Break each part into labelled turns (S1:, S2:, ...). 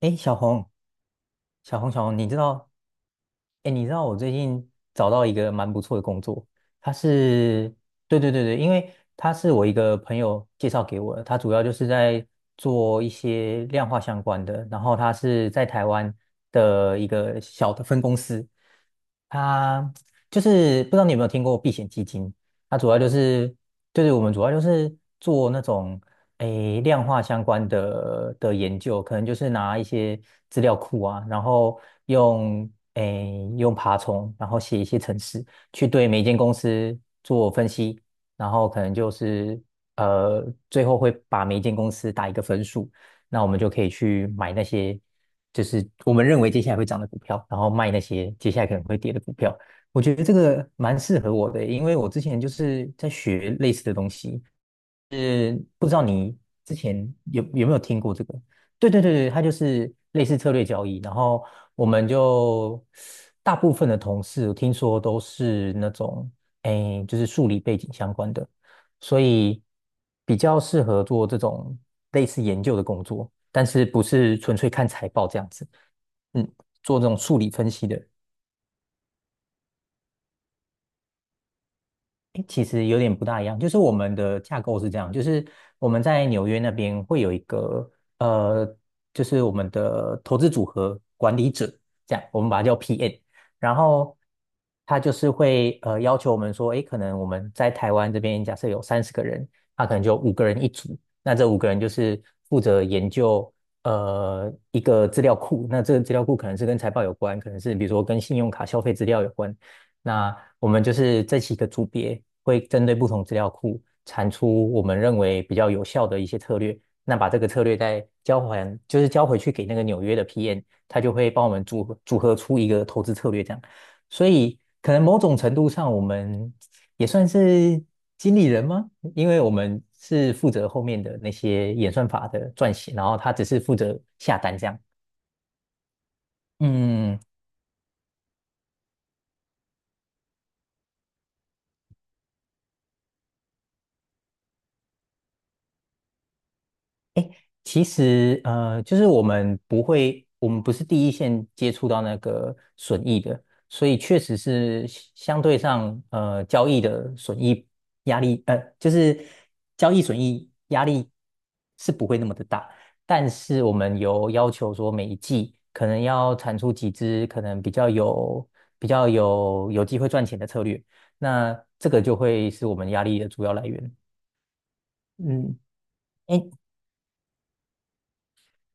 S1: 哎，小红，你知道？哎，你知道我最近找到一个蛮不错的工作，它是，对对对对，因为它是我一个朋友介绍给我的，他主要就是在做一些量化相关的，然后他是在台湾的一个小的分公司。它就是不知道你有没有听过避险基金？它主要就是，对，是我们主要就是做那种量化相关的研究，可能就是拿一些资料库啊，然后用用爬虫，然后写一些程式，去对每一间公司做分析，然后可能就是最后会把每一间公司打一个分数。那我们就可以去买那些就是我们认为接下来会涨的股票，然后卖那些接下来可能会跌的股票。我觉得这个蛮适合我的，因为我之前就是在学类似的东西，是不知道你之前有没有听过这个？对对对对，它就是类似策略交易。然后我们就大部分的同事，听说都是那种就是数理背景相关的，所以比较适合做这种类似研究的工作，但是不是纯粹看财报这样子。嗯，做这种数理分析的。其实有点不大一样，就是我们的架构是这样，就是我们在纽约那边会有一个呃，就是我们的投资组合管理者，这样我们把它叫 PM，然后他就是会要求我们说，诶，可能我们在台湾这边假设有30个人，他可能就五个人一组，那这五个人就是负责研究一个资料库，那这个资料库可能是跟财报有关，可能是比如说跟信用卡消费资料有关。那我们就是这几个组别会针对不同资料库产出我们认为比较有效的一些策略，那把这个策略再交还，就是交回去给那个纽约的 PM，他就会帮我们组合组合出一个投资策略这样。所以可能某种程度上，我们也算是经理人吗？因为我们是负责后面的那些演算法的撰写，然后他只是负责下单这样。嗯，其实，呃，就是我们不会，我们不是第一线接触到那个损益的，所以确实是相对上，交易的损益压力，就是交易损益压力是不会那么的大，但是我们有要求说每一季可能要产出几只可能比较有机会赚钱的策略，那这个就会是我们压力的主要来源。嗯。哎。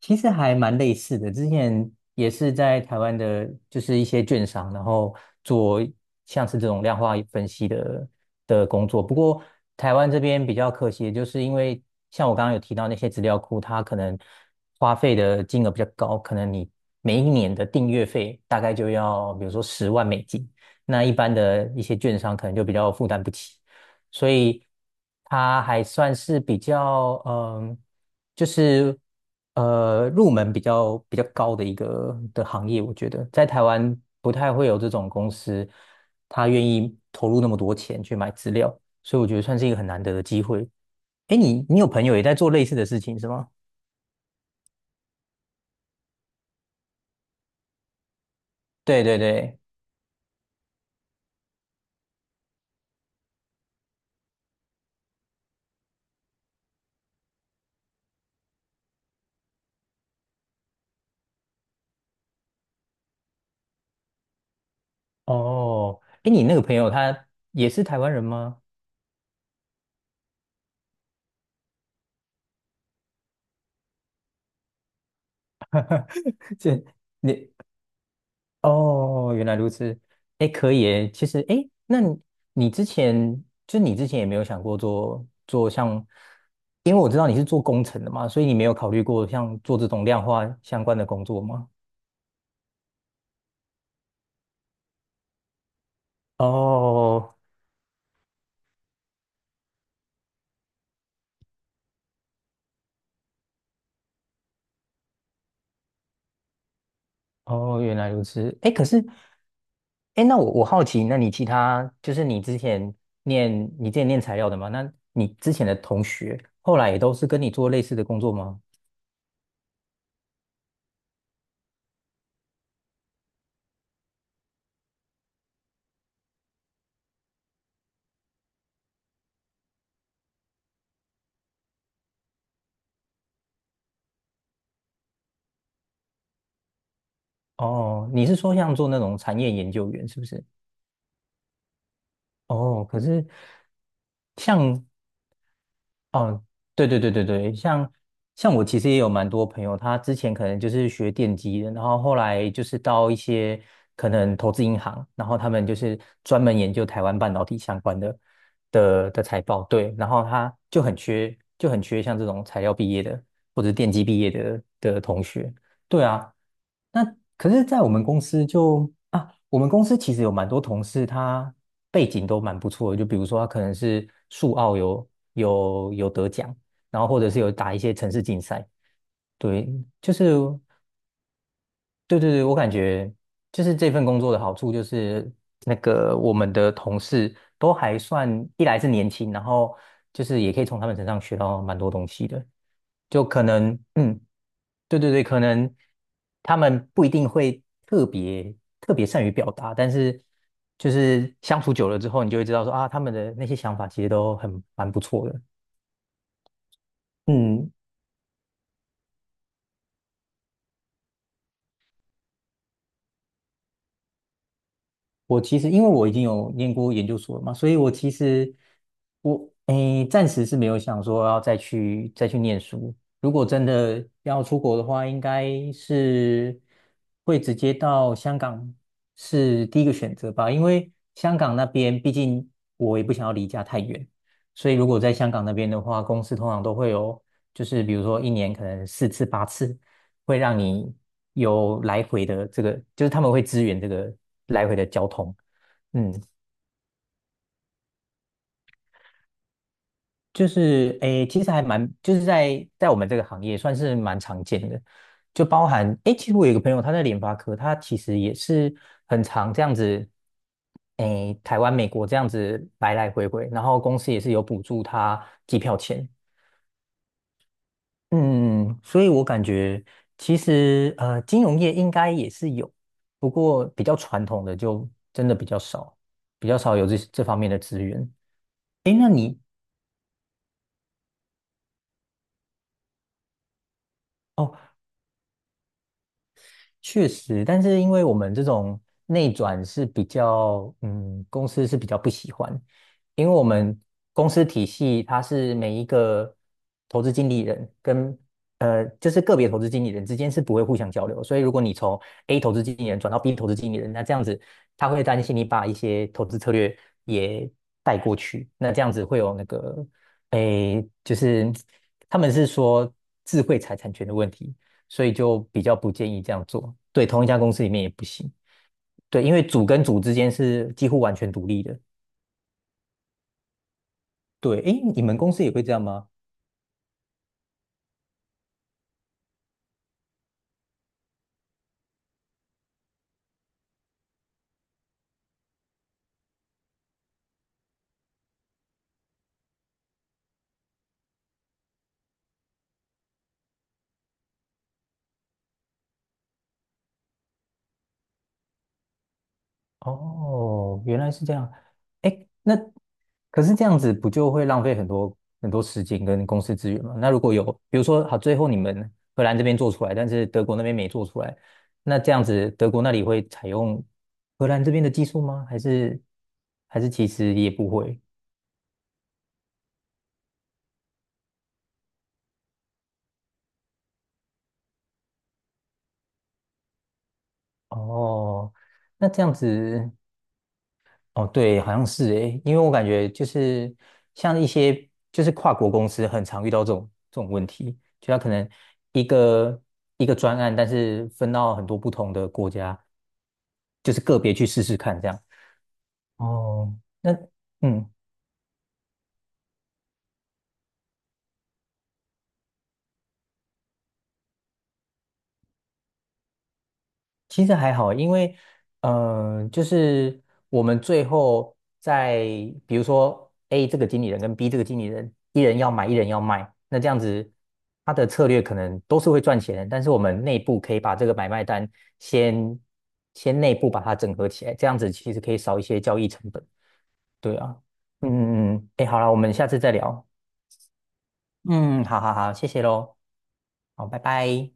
S1: 其实还蛮类似的，之前也是在台湾的，就是一些券商，然后做像是这种量化分析的工作。不过台湾这边比较可惜的就是因为像我刚刚有提到那些资料库，它可能花费的金额比较高，可能你每一年的订阅费大概就要比如说10万美金，那一般的一些券商可能就比较负担不起。所以它还算是比较就是入门比较高的一个的行业，我觉得在台湾不太会有这种公司，他愿意投入那么多钱去买资料，所以我觉得算是一个很难得的机会。哎，你有朋友也在做类似的事情是吗？对对对，哦，哎，你那个朋友他也是台湾人吗？这你哦，原来如此。哎，可以诶。其实，哎，那你之前也没有想过做像，因为我知道你是做工程的嘛，所以你没有考虑过像做这种量化相关的工作吗？哦，哦，原来如此。哎，可是，哎，那我好奇，那你其他就是念你之前念材料的嘛？那你之前的同学后来也都是跟你做类似的工作吗？哦，你是说像做那种产业研究员是不是？哦，可是像哦，对对对对对，像我其实也有蛮多朋友，他之前可能就是学电机的，然后后来就是到一些可能投资银行，然后他们就是专门研究台湾半导体相关的财报，对，然后他就很缺就很缺像这种材料毕业的，或者电机毕业的同学，对啊。那可是，在我们公司就啊，我们公司其实有蛮多同事，他背景都蛮不错的。就比如说，他可能是数奥有得奖，然后或者是有打一些城市竞赛。对，就是对对对，我感觉就是这份工作的好处就是那个我们的同事都还算，一来是年轻，然后就是也可以从他们身上学到蛮多东西的。就可能嗯，对对对，可能他们不一定会特别特别善于表达，但是就是相处久了之后，你就会知道说啊，他们的那些想法其实都很蛮不错的。嗯，我其实因为我已经有念过研究所了嘛，所以我其实我暂时是没有想说要再去念书。如果真的要出国的话，应该是会直接到香港，是第一个选择吧，因为香港那边毕竟我也不想要离家太远，所以如果在香港那边的话，公司通常都会有就是比如说一年可能四次八次。会让你有来回的这个，就是他们会支援这个来回的交通。嗯，就是，其实还蛮，就是在我们这个行业算是蛮常见的，就包含诶，其实我有一个朋友他在联发科，他其实也是很常这样子，诶，台湾、美国这样子来来回回，然后公司也是有补助他机票钱，嗯，所以我感觉其实金融业应该也是有，不过比较传统的就真的比较少，比较少有这方面的资源。诶，那你？哦。确实，但是因为我们这种内转是比较，嗯，公司是比较不喜欢，因为我们公司体系它是每一个投资经理人跟就是个别投资经理人之间是不会互相交流，所以如果你从 A 投资经理人转到 B 投资经理人，那这样子他会担心你把一些投资策略也带过去，那这样子会有那个，诶，就是他们是说智慧财产权的问题。所以就比较不建议这样做。对，同一家公司里面也不行。对，因为组跟组之间是几乎完全独立的。对，诶，你们公司也会这样吗？哦，原来是这样。诶，那可是这样子不就会浪费很多很多时间跟公司资源吗？那如果有，比如说好，最后你们荷兰这边做出来，但是德国那边没做出来，那这样子德国那里会采用荷兰这边的技术吗？还是其实也不会？哦，那这样子。哦，对，好像是诶，因为我感觉就是像一些就是跨国公司很常遇到这种问题，就他可能一个一个专案，但是分到很多不同的国家，就是个别去试试看这样。哦，那嗯。其实还好，因为就是我们最后在比如说 A 这个经理人跟 B 这个经理人，一人要买，一人要卖，那这样子他的策略可能都是会赚钱，但是我们内部可以把这个买卖单先先内部把它整合起来，这样子其实可以少一些交易成本。对啊，哎，好了，我们下次再聊。嗯，好好好，谢谢喽，好，拜拜。